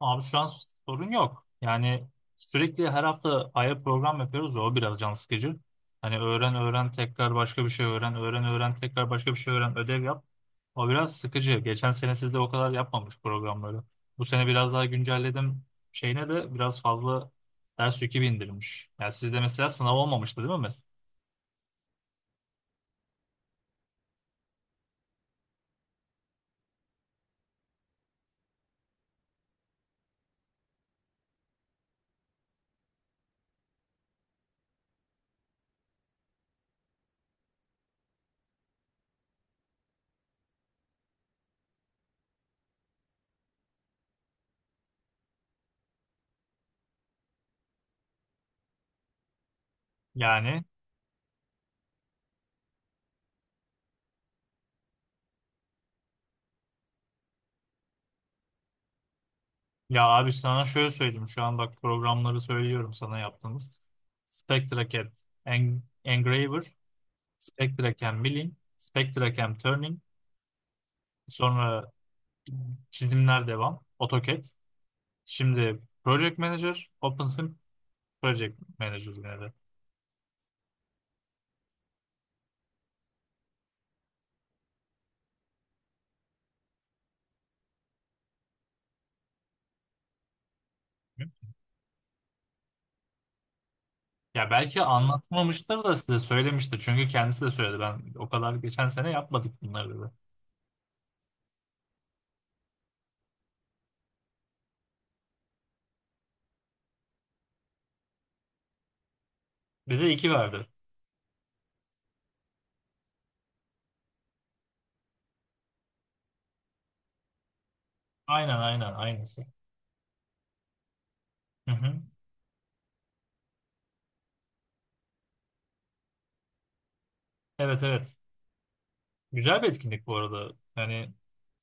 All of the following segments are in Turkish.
Abi şu an sorun yok. Yani sürekli her hafta ayrı program yapıyoruz. Ya, o biraz can sıkıcı. Hani öğren öğren tekrar başka bir şey öğren. Öğren öğren tekrar başka bir şey öğren. Ödev yap. O biraz sıkıcı. Geçen sene sizde o kadar yapmamış programları. Bu sene biraz daha güncelledim. Şeyine de biraz fazla ders yükü bindirmiş. Yani sizde mesela sınav olmamıştı değil mi? Yani ya abi sana şöyle söyleyeyim. Şu an bak programları söylüyorum sana yaptığımız. Spectra CAD, Engraver. Spectra Cam Milling, Spectra Cam Turning, sonra çizimler devam, AutoCAD. Şimdi Project Manager, OpenSim Project Manager yine de. Ya belki anlatmamıştır da size söylemiştir. Çünkü kendisi de söyledi. Ben o kadar geçen sene yapmadık bunları dedi. Bize iki verdi. Aynen aynen aynısı. Hı hı. Evet evet. Güzel bir etkinlik bu arada. Yani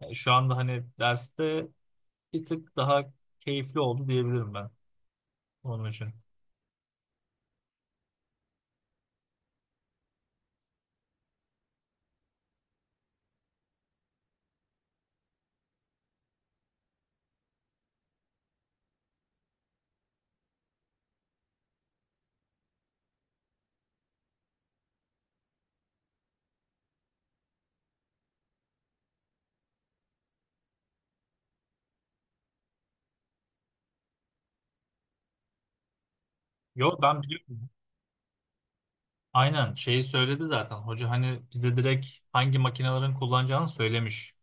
şu anda hani derste bir tık daha keyifli oldu diyebilirim ben onun için. Yok ben biliyorum. Aynen şeyi söyledi zaten. Hoca hani bize direkt hangi makinelerin kullanacağını söylemiş.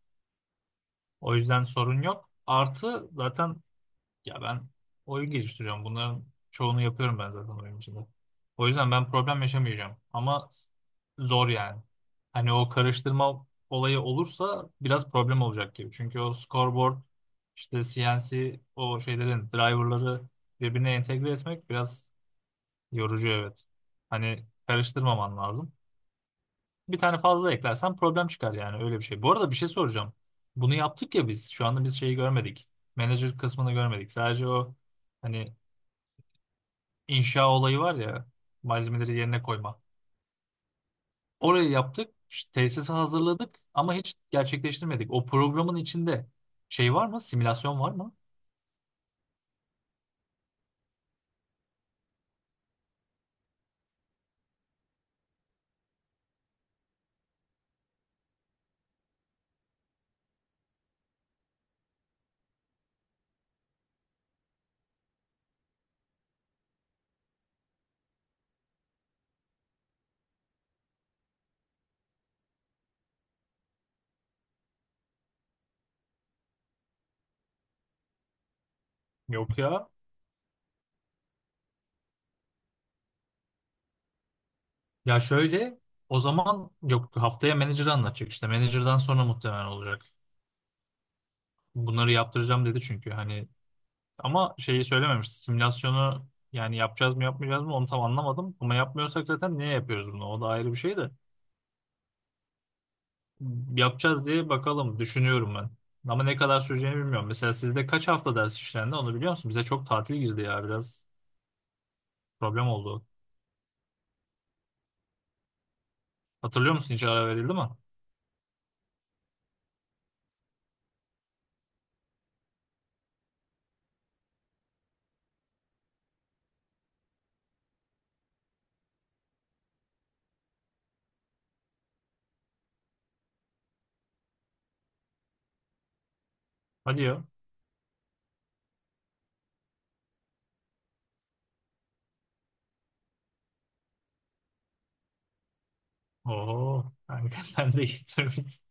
O yüzden sorun yok. Artı zaten ya ben oyun geliştiriyorum. Bunların çoğunu yapıyorum ben zaten oyun içinde. O yüzden ben problem yaşamayacağım. Ama zor yani. Hani o karıştırma olayı olursa biraz problem olacak gibi. Çünkü o scoreboard işte CNC o şeylerin driverları birbirine entegre etmek biraz yorucu evet. Hani karıştırmaman lazım. Bir tane fazla eklersen problem çıkar yani öyle bir şey. Bu arada bir şey soracağım. Bunu yaptık ya biz. Şu anda biz şeyi görmedik. Manager kısmını görmedik. Sadece o hani inşa olayı var ya, malzemeleri yerine koyma. Orayı yaptık. İşte tesisi hazırladık ama hiç gerçekleştirmedik. O programın içinde şey var mı? Simülasyon var mı? Yok ya. Ya şöyle, o zaman yok haftaya manager'ı anlatacak işte. Manager'dan sonra muhtemelen olacak. Bunları yaptıracağım dedi çünkü. Hani, ama şeyi söylememişti. Simülasyonu yani yapacağız mı yapmayacağız mı onu tam anlamadım. Ama yapmıyorsak zaten niye yapıyoruz bunu? O da ayrı bir şey de. Yapacağız diye bakalım düşünüyorum ben. Ama ne kadar süreceğini bilmiyorum. Mesela sizde kaç hafta ders işlendi onu biliyor musun? Bize çok tatil girdi ya, biraz problem oldu. Hatırlıyor musun hiç ara verildi mi? Hadi ya. Oo, kanka, sen de gitmemişsin.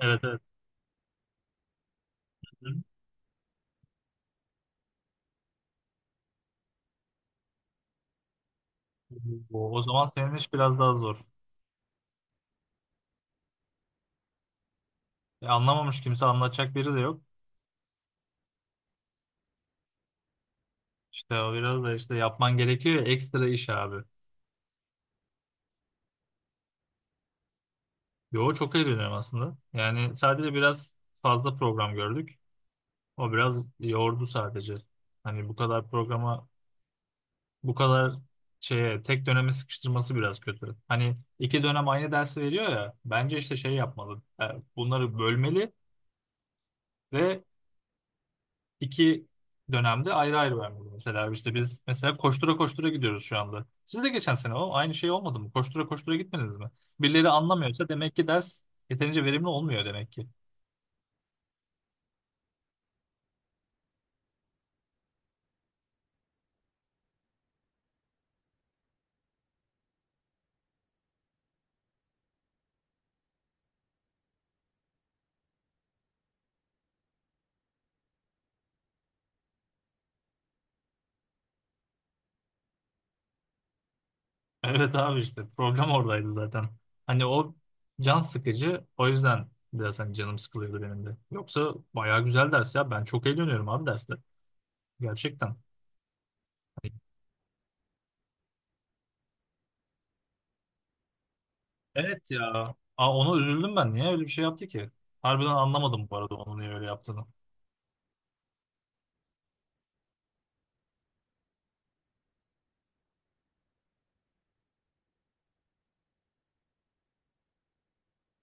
Evet evet. O o zaman senin iş biraz daha zor. E, anlamamış, kimse anlatacak biri de yok. İşte o biraz da işte yapman gerekiyor ya, ekstra iş abi. Yo, çok eğleniyorum aslında. Yani sadece biraz fazla program gördük. O biraz yordu sadece. Hani bu kadar programa, bu kadar şeye tek döneme sıkıştırması biraz kötü. Hani 2 dönem aynı dersi veriyor ya. Bence işte şey yapmalı. Bunları bölmeli ve 2 dönemde ayrı ayrı vermeli. Mesela işte biz mesela koştura koştura gidiyoruz şu anda. Siz de geçen sene o aynı şey olmadı mı? Koştura koştura gitmediniz mi? Birileri anlamıyorsa demek ki ders yeterince verimli olmuyor demek ki. Evet abi, işte problem oradaydı zaten. Hani o can sıkıcı, o yüzden biraz hani canım sıkılıyordu benim de. Yoksa bayağı güzel ders ya, ben çok eğleniyorum abi derste gerçekten. Evet ya. Aa, ona üzüldüm ben. Niye öyle bir şey yaptı ki? Harbiden anlamadım bu arada onun niye öyle yaptığını.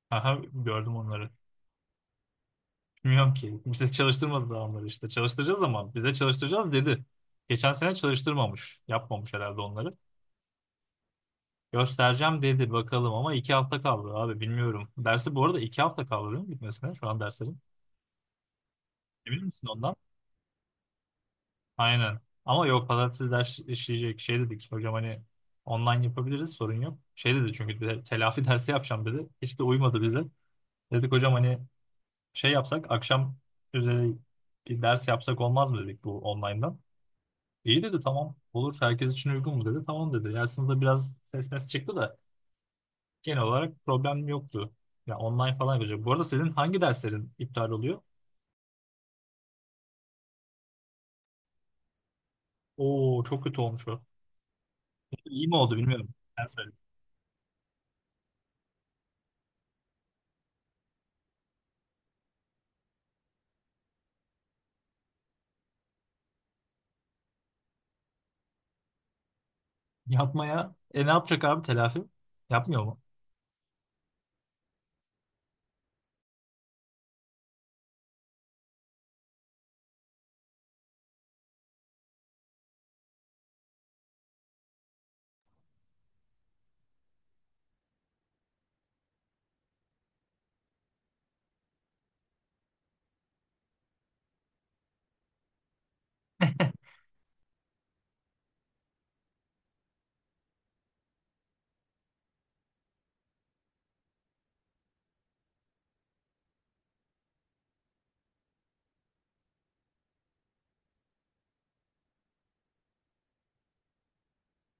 Aha, gördüm onları. Bilmiyorum ki. Bize çalıştırmadı daha onları işte. Çalıştıracağız, ama bize çalıştıracağız dedi. Geçen sene çalıştırmamış. Yapmamış herhalde onları. Göstereceğim dedi bakalım, ama 2 hafta kaldı abi bilmiyorum. Dersi bu arada 2 hafta kaldı değil mi bitmesine şu an derslerin? Emin misin ondan? Aynen. Ama yok pazartesi ders işleyecek şey dedik. Hocam hani online yapabiliriz sorun yok. Şey dedi çünkü bir de, telafi dersi yapacağım dedi. Hiç de uymadı bize. Dedik hocam hani şey yapsak akşam üzeri bir ders yapsak olmaz mı dedik bu online'dan. İyi dedi, tamam olur herkes için uygun mu dedi. Tamam dedi. Yani sınıfta biraz ses mes çıktı da genel olarak problem yoktu. Ya online falan yapacak. Bu arada sizin hangi derslerin iptal oluyor? Oo, çok kötü olmuş o. İyi mi oldu bilmiyorum. Ben söyleyeyim. Yapmaya. E ne yapacak abi telafi? Yapmıyor mu?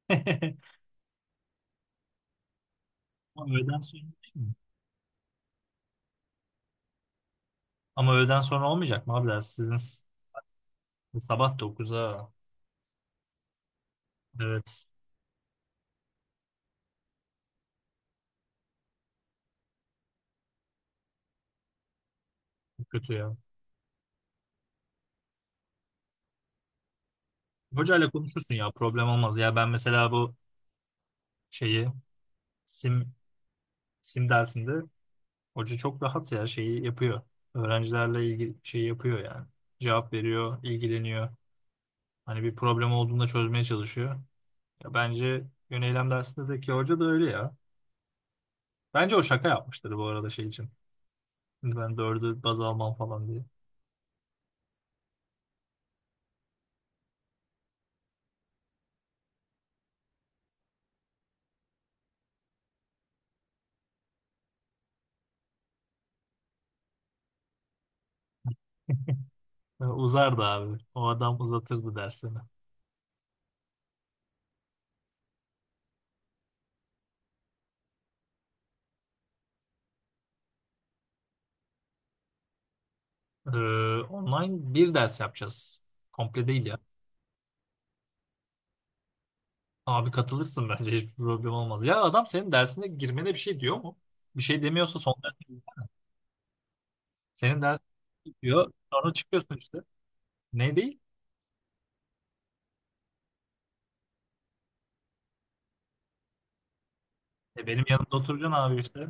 Ama öğleden sonra değil mi? Ama öğleden sonra olmayacak mı abi ders? Sabah 9'a. Evet. Çok kötü ya. Hocayla konuşursun ya. Problem olmaz. Ya ben mesela bu şeyi sim sim dersinde. Hoca çok rahat ya şeyi yapıyor. Öğrencilerle ilgili şey yapıyor yani. Cevap veriyor, ilgileniyor. Hani bir problem olduğunda çözmeye çalışıyor. Ya bence yön eylem dersindeki hoca da öyle ya. Bence o şaka yapmıştır bu arada şey için. Şimdi ben dördü baz almam falan diye. Ya uzardı abi. O adam uzatırdı dersini. Ee, Online bir ders yapacağız. Komple değil ya. Abi katılırsın bence, hiçbir problem olmaz. Ya adam senin dersine girmene bir şey diyor mu? Bir şey demiyorsa son ders. Senin ders bitiyor. Sonra çıkıyorsun işte. Ne değil? E benim yanımda oturacaksın abi işte.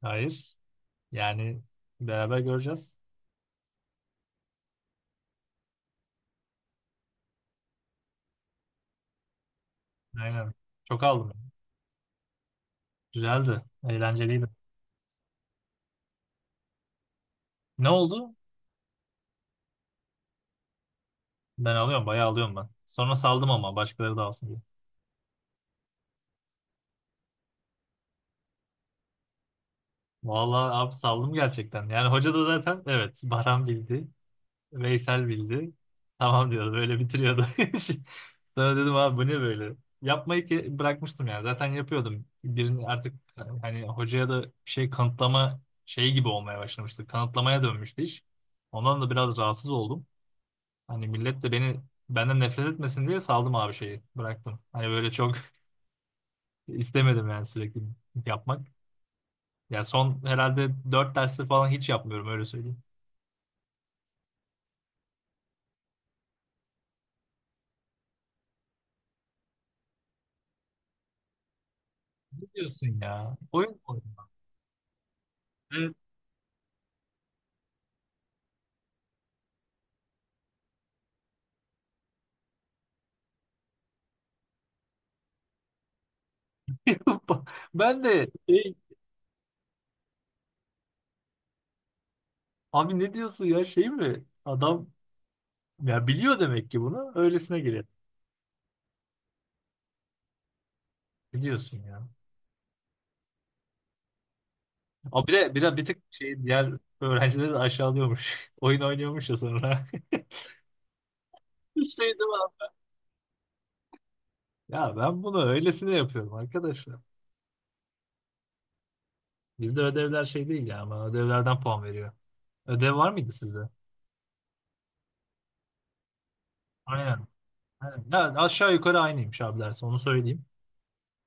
Hayır. Yani beraber göreceğiz. Aynen. Çok aldım. Güzeldi. Eğlenceliydi. Ne oldu? Ben alıyorum. Bayağı alıyorum ben. Sonra saldım ama başkaları da alsın diye. Vallahi abi saldım gerçekten. Yani hoca da zaten evet Baran bildi. Veysel bildi. Tamam diyordu. Böyle bitiriyordu. Sonra dedim abi bu ne böyle? Yapmayı ki bırakmıştım yani. Zaten yapıyordum. Birini artık hani hocaya da bir şey kanıtlama şeyi gibi olmaya başlamıştı. Kanıtlamaya dönmüştü iş. Ondan da biraz rahatsız oldum. Hani millet de beni benden nefret etmesin diye saldım abi şeyi. Bıraktım. Hani böyle çok istemedim yani sürekli yapmak. Ya son herhalde 4 derstir falan hiç yapmıyorum, öyle söyleyeyim. Ne diyorsun ya? Oyun mu oynadın? Ben de şey, abi ne diyorsun ya şey mi? Adam ya biliyor demek ki bunu. Öylesine giriyor. Ne diyorsun ya? Abi bir de bir tık şey diğer öğrencileri de aşağılıyormuş. Oyun oynuyormuş ya sonra. Hiç şey değil mi abi? Ya ben bunu öylesine yapıyorum arkadaşlar. Bizde ödevler şey değil ya, ama ödevlerden puan veriyor. Ödev var mıydı sizde? Aynen. Aynen. Ya aşağı yukarı aynıymış abi ders, onu söyleyeyim.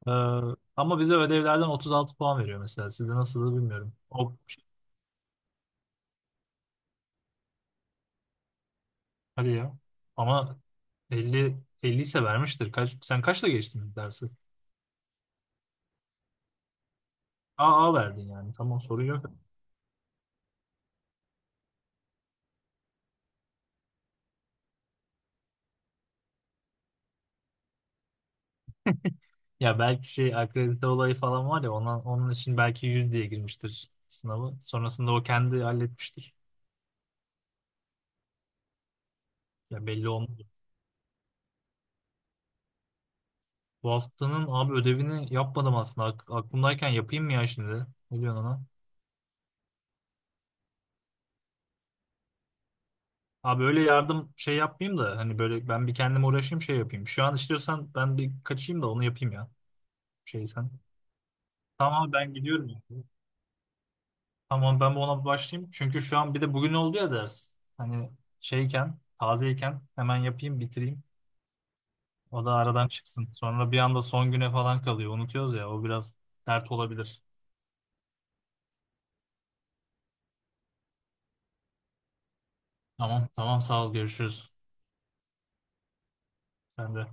Ee, Ama bize ödevlerden 36 puan veriyor mesela. Sizde nasıl bilmiyorum. Ok, hadi ya. Ama 50 50 ise vermiştir. Kaç, sen kaçla geçtin dersi? AA verdin yani. Tamam sorun yok. Ya belki şey akredite olayı falan var ya ona, onun için belki 100 diye girmiştir sınavı. Sonrasında o kendi halletmiştir. Ya belli olmadı. Bu haftanın abi ödevini yapmadım aslında. Aklımdayken yapayım mı ya şimdi? Ne diyorsun ona? Abi böyle yardım şey yapmayayım da hani böyle ben bir kendime uğraşayım şey yapayım. Şu an istiyorsan ben bir kaçayım da onu yapayım ya. Şey sen. Tamam abi ben gidiyorum, ya. Tamam ben bu ona bir başlayayım. Çünkü şu an bir de bugün oldu ya ders. Hani şeyken, tazeyken hemen yapayım, bitireyim. O da aradan çıksın. Sonra bir anda son güne falan kalıyor. Unutuyoruz ya, o biraz dert olabilir. Tamam tamam, sağ ol, görüşürüz. Sen de.